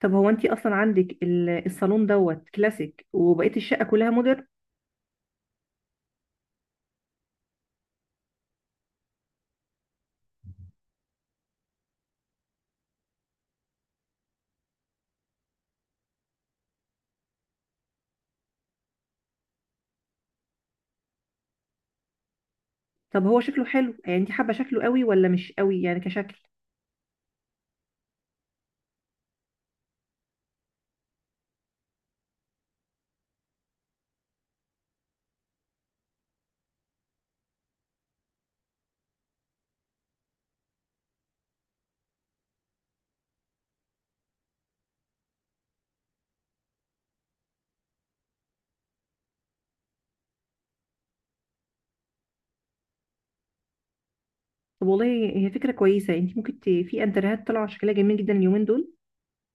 طب هو انت اصلا عندك الصالون دوت كلاسيك وبقيه الشقه كلها مودرن. طب هو شكله حلو، يعني انت حابه شكله قوي ولا مش قوي يعني كشكل؟ طب والله، هي فكره كويسه، يعني انت ممكن في انترهات طالعه شكلها جميل جدا اليومين دول.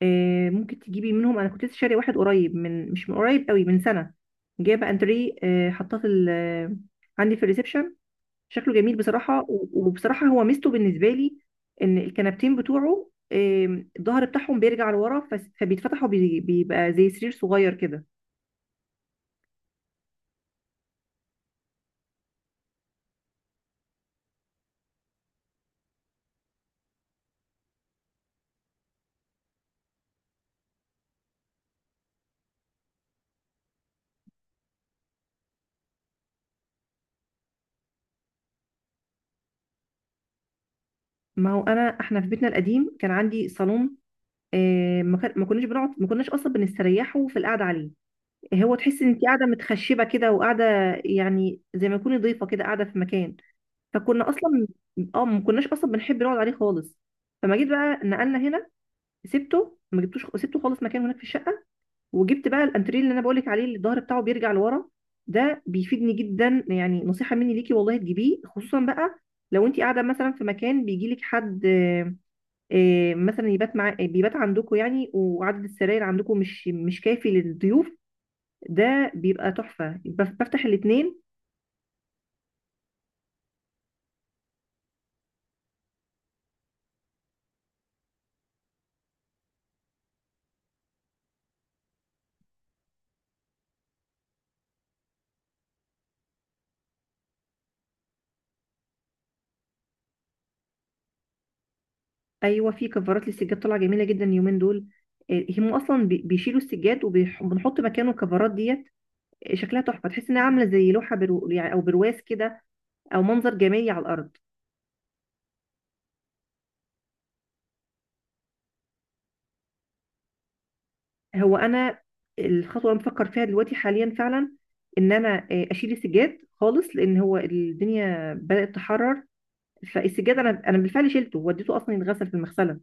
آه، ممكن تجيبي منهم. انا كنت لسه شاريه واحد قريب، من، مش من قريب قوي، من سنه. جايبه انتريه، حطاه عندي في الريسبشن. شكله جميل بصراحة، و- وبصراحة هو ميزته بالنسبة لي. إن الكنبتين بتوعه الظهر بتاعهم بيرجع لورا، فس- فبيتفتح وبيبقى زي سرير صغير كده. ما هو إحنا في بيتنا القديم كان عندي صالون. ما كناش بنقعد، ما كناش أصلا بنستريحه في القعدة عليه. هو تحس إن أنت قاعدة متخشبة كده وقاعدة، يعني زي ما تكوني ضيفة كده قاعدة في مكان. فكنا أصلا، اه ما كناش أصلا بنحب نقعد عليه خالص. فما جيت بقى نقلنا هنا، سبته، ما جبتوش، سبته خالص مكان هناك في الشقة. وجبت بقى الانتريه اللي انا بقولك عليه، اللي الظهر بتاعه بيرجع لورا. ده بيفيدني جدا، يعني نصيحه مني ليكي والله تجيبيه، خصوصا بقى لو انت قاعده مثلا في مكان بيجيلك حد مثلا يبات مع آه، بيبات عندكم يعني، وعدد السراير عندكم مش كافي للضيوف. ده بيبقى تحفه، بفتح الاثنين. ايوه، في كفرات للسجاد طالعه جميله جدا اليومين دول. هم اصلا بيشيلوا السجاد وبنحط مكانه الكفرات ديت. شكلها تحفه، تحس انها عامله زي لوحه، يعني او برواز كده، او منظر جمالي على الارض. هو انا الخطوه اللي بفكر فيها دلوقتي حاليا فعلا، ان انا اشيل السجاد خالص، لان هو الدنيا بدات تحرر. فالسجاد انا بالفعل شيلته وديته اصلا يتغسل في المغسله.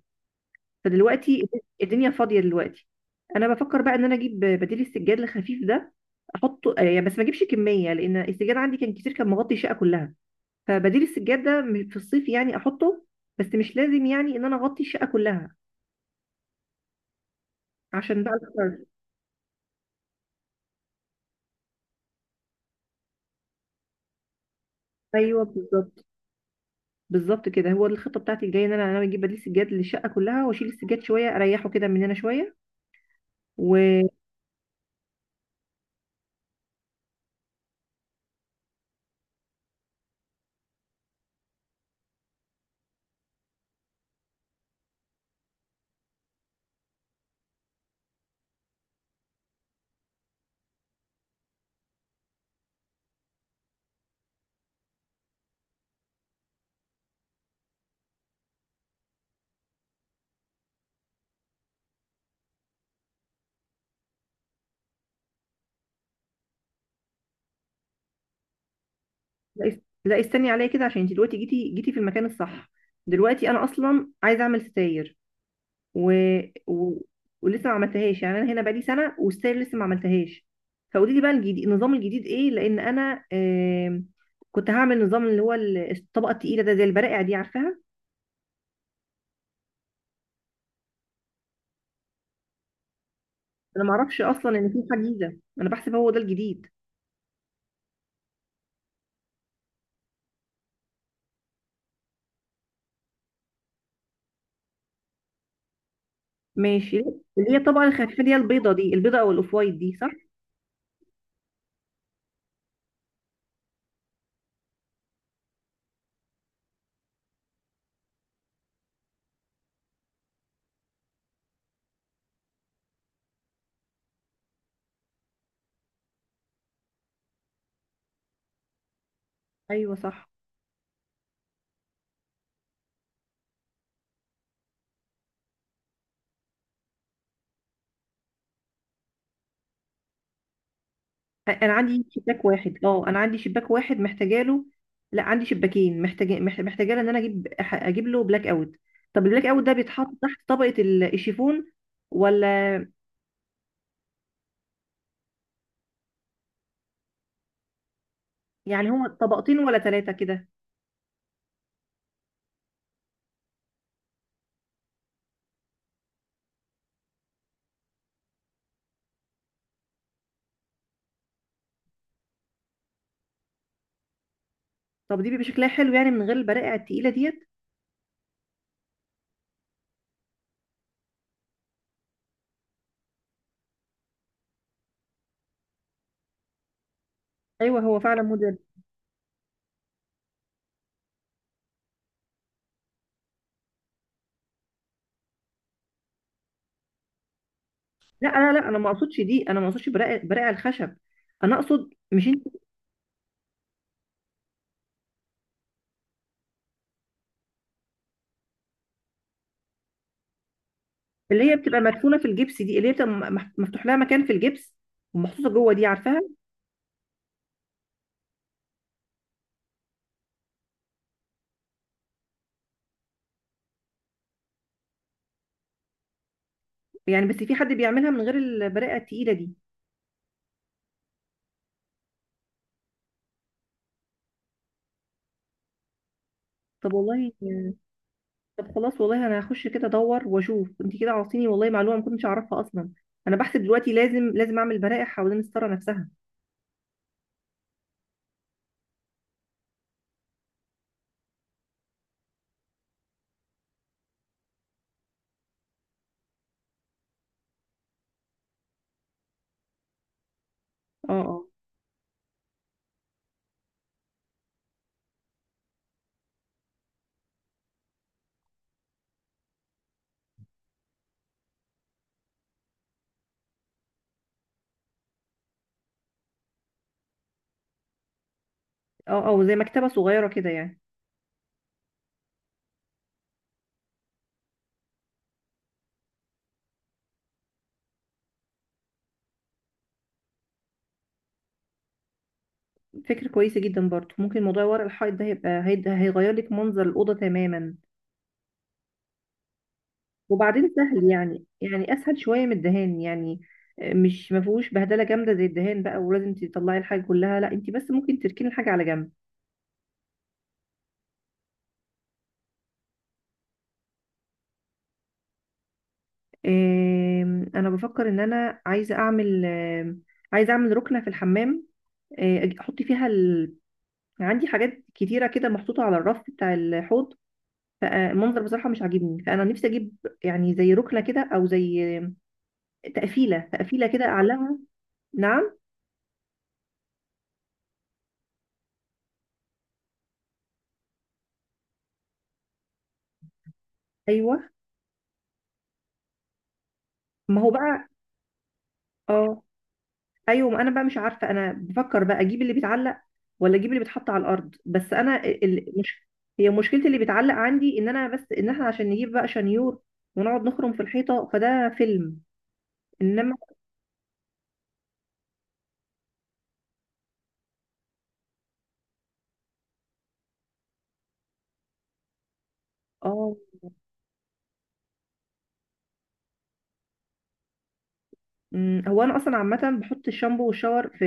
فدلوقتي الدنيا فاضيه دلوقتي. انا بفكر بقى ان انا اجيب بديل السجاد الخفيف ده، احطه، يعني بس ما اجيبش كميه، لان السجاد عندي كان كتير، كان مغطي الشقه كلها. فبديل السجاد ده في الصيف يعني احطه، بس مش لازم يعني ان انا اغطي الشقه كلها عشان بقى الحر. ايوه بالظبط، بالظبط كده، هو الخطه بتاعتي الجايه ان انا اجيب بديل سجاد للشقه كلها واشيل السجاد شويه، اريحه كده من هنا شويه و لا، لا، استني عليا كده، عشان انت دلوقتي جيتي جيتي في المكان الصح. دلوقتي انا اصلا عايزه اعمل ستاير و... و... ولسه ما عملتهاش يعني، انا هنا بقالي سنه والستاير لسه ما عملتهاش. فقولي لي بقى النظام الجديد ايه، لان انا كنت هعمل نظام اللي هو الطبقه التقيله ده زي البرائع دي، عارفاها؟ انا ما اعرفش اصلا ان في حاجه جديده، انا بحسب هو ده الجديد. ماشي. اللي هي طبعا الخفيفه دي، البيضه دي، البيضه او الاوف وايت دي، صح؟ ايوه صح. انا عندي شباك واحد، انا عندي شباك واحد محتاجه له. لا، عندي شباكين محتاجه له ان انا اجيب له بلاك اوت. طب البلاك اوت ده بيتحط تحت طبقه الشيفون، ولا؟ يعني هو طبقتين ولا ثلاثه كده؟ طب دي بيبقى شكلها حلو يعني، من غير البرائع التقيله ديت؟ ايوه هو فعلا موديل. لا، لا، لا، انا ما اقصدش دي، انا ما اقصدش برائع، برائع الخشب. انا اقصد، مش اللي هي بتبقى مدفونه في الجبس دي، اللي هي بتبقى مفتوح لها مكان في الجبس ومحطوطه جوه دي، عارفاها؟ يعني بس في حد بيعملها من غير البرقه التقيله دي؟ طب والله. طب خلاص والله، انا هخش كده ادور واشوف، انت كده عاطيني والله معلومه ما كنتش اعرفها اصلا. انا بحسب دلوقتي لازم لازم اعمل برائح حوالين الستاره نفسها. اه، اه. اه، اه، زي مكتبه صغيره كده يعني. فكره كويسه جدا برضو، ممكن موضوع ورق الحائط ده هيبقى هيغير لك منظر الاوضه تماما. وبعدين سهل، يعني اسهل شويه من الدهان يعني. مش ما فيهوش بهدله جامده زي الدهان بقى ولازم تطلعي الحاجه كلها، لا انت بس ممكن تركني الحاجه على جنب. انا بفكر ان انا عايزه اعمل ركنه في الحمام. احط فيها عندي حاجات كتيره كده محطوطه على الرف بتاع الحوض. فالمنظر بصراحه مش عاجبني، فانا نفسي اجيب، يعني زي ركنه كده، او زي تقفيله تقفيله كده اعلقها. نعم. ايوه، ما هو بقى. اه. ايوه، ما انا بقى مش عارفه، انا بفكر بقى اجيب اللي بيتعلق ولا اجيب اللي بيتحط على الارض، بس انا مش هي مشكلتي، اللي بيتعلق عندي ان انا، بس ان احنا عشان نجيب بقى شنيور ونقعد نخرم في الحيطه فده فيلم، انما اه. هو انا اصلا عامه بحط الشامبو والشاور في،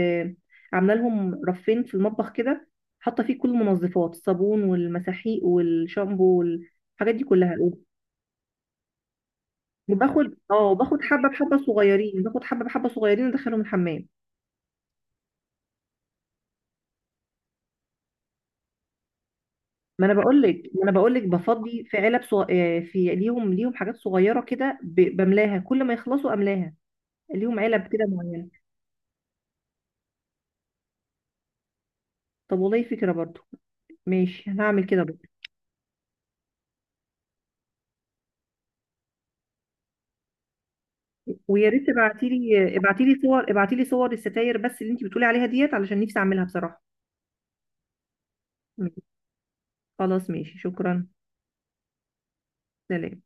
عامله لهم رفين في المطبخ كده، حاطه فيه كل المنظفات، الصابون والمساحيق والشامبو والحاجات دي كلها. وباخد اه باخد حبه بحبه صغيرين باخد حبه بحبه صغيرين ادخلهم الحمام. ما انا بقول لك بفضي في علب صغ... آه، في ليهم حاجات صغيره كده، بملاها كل ما يخلصوا املاها. ليهم علب كده معينه. طب والله فكره برضو. ماشي، انا هعمل كده برضو. ويا ريت ابعتي لي ابعتي لي صور ابعتي لي صور الستاير بس اللي انت بتقولي عليها ديت، علشان نفسي اعملها بصراحه. ماشي. خلاص ماشي، شكرا. سلام.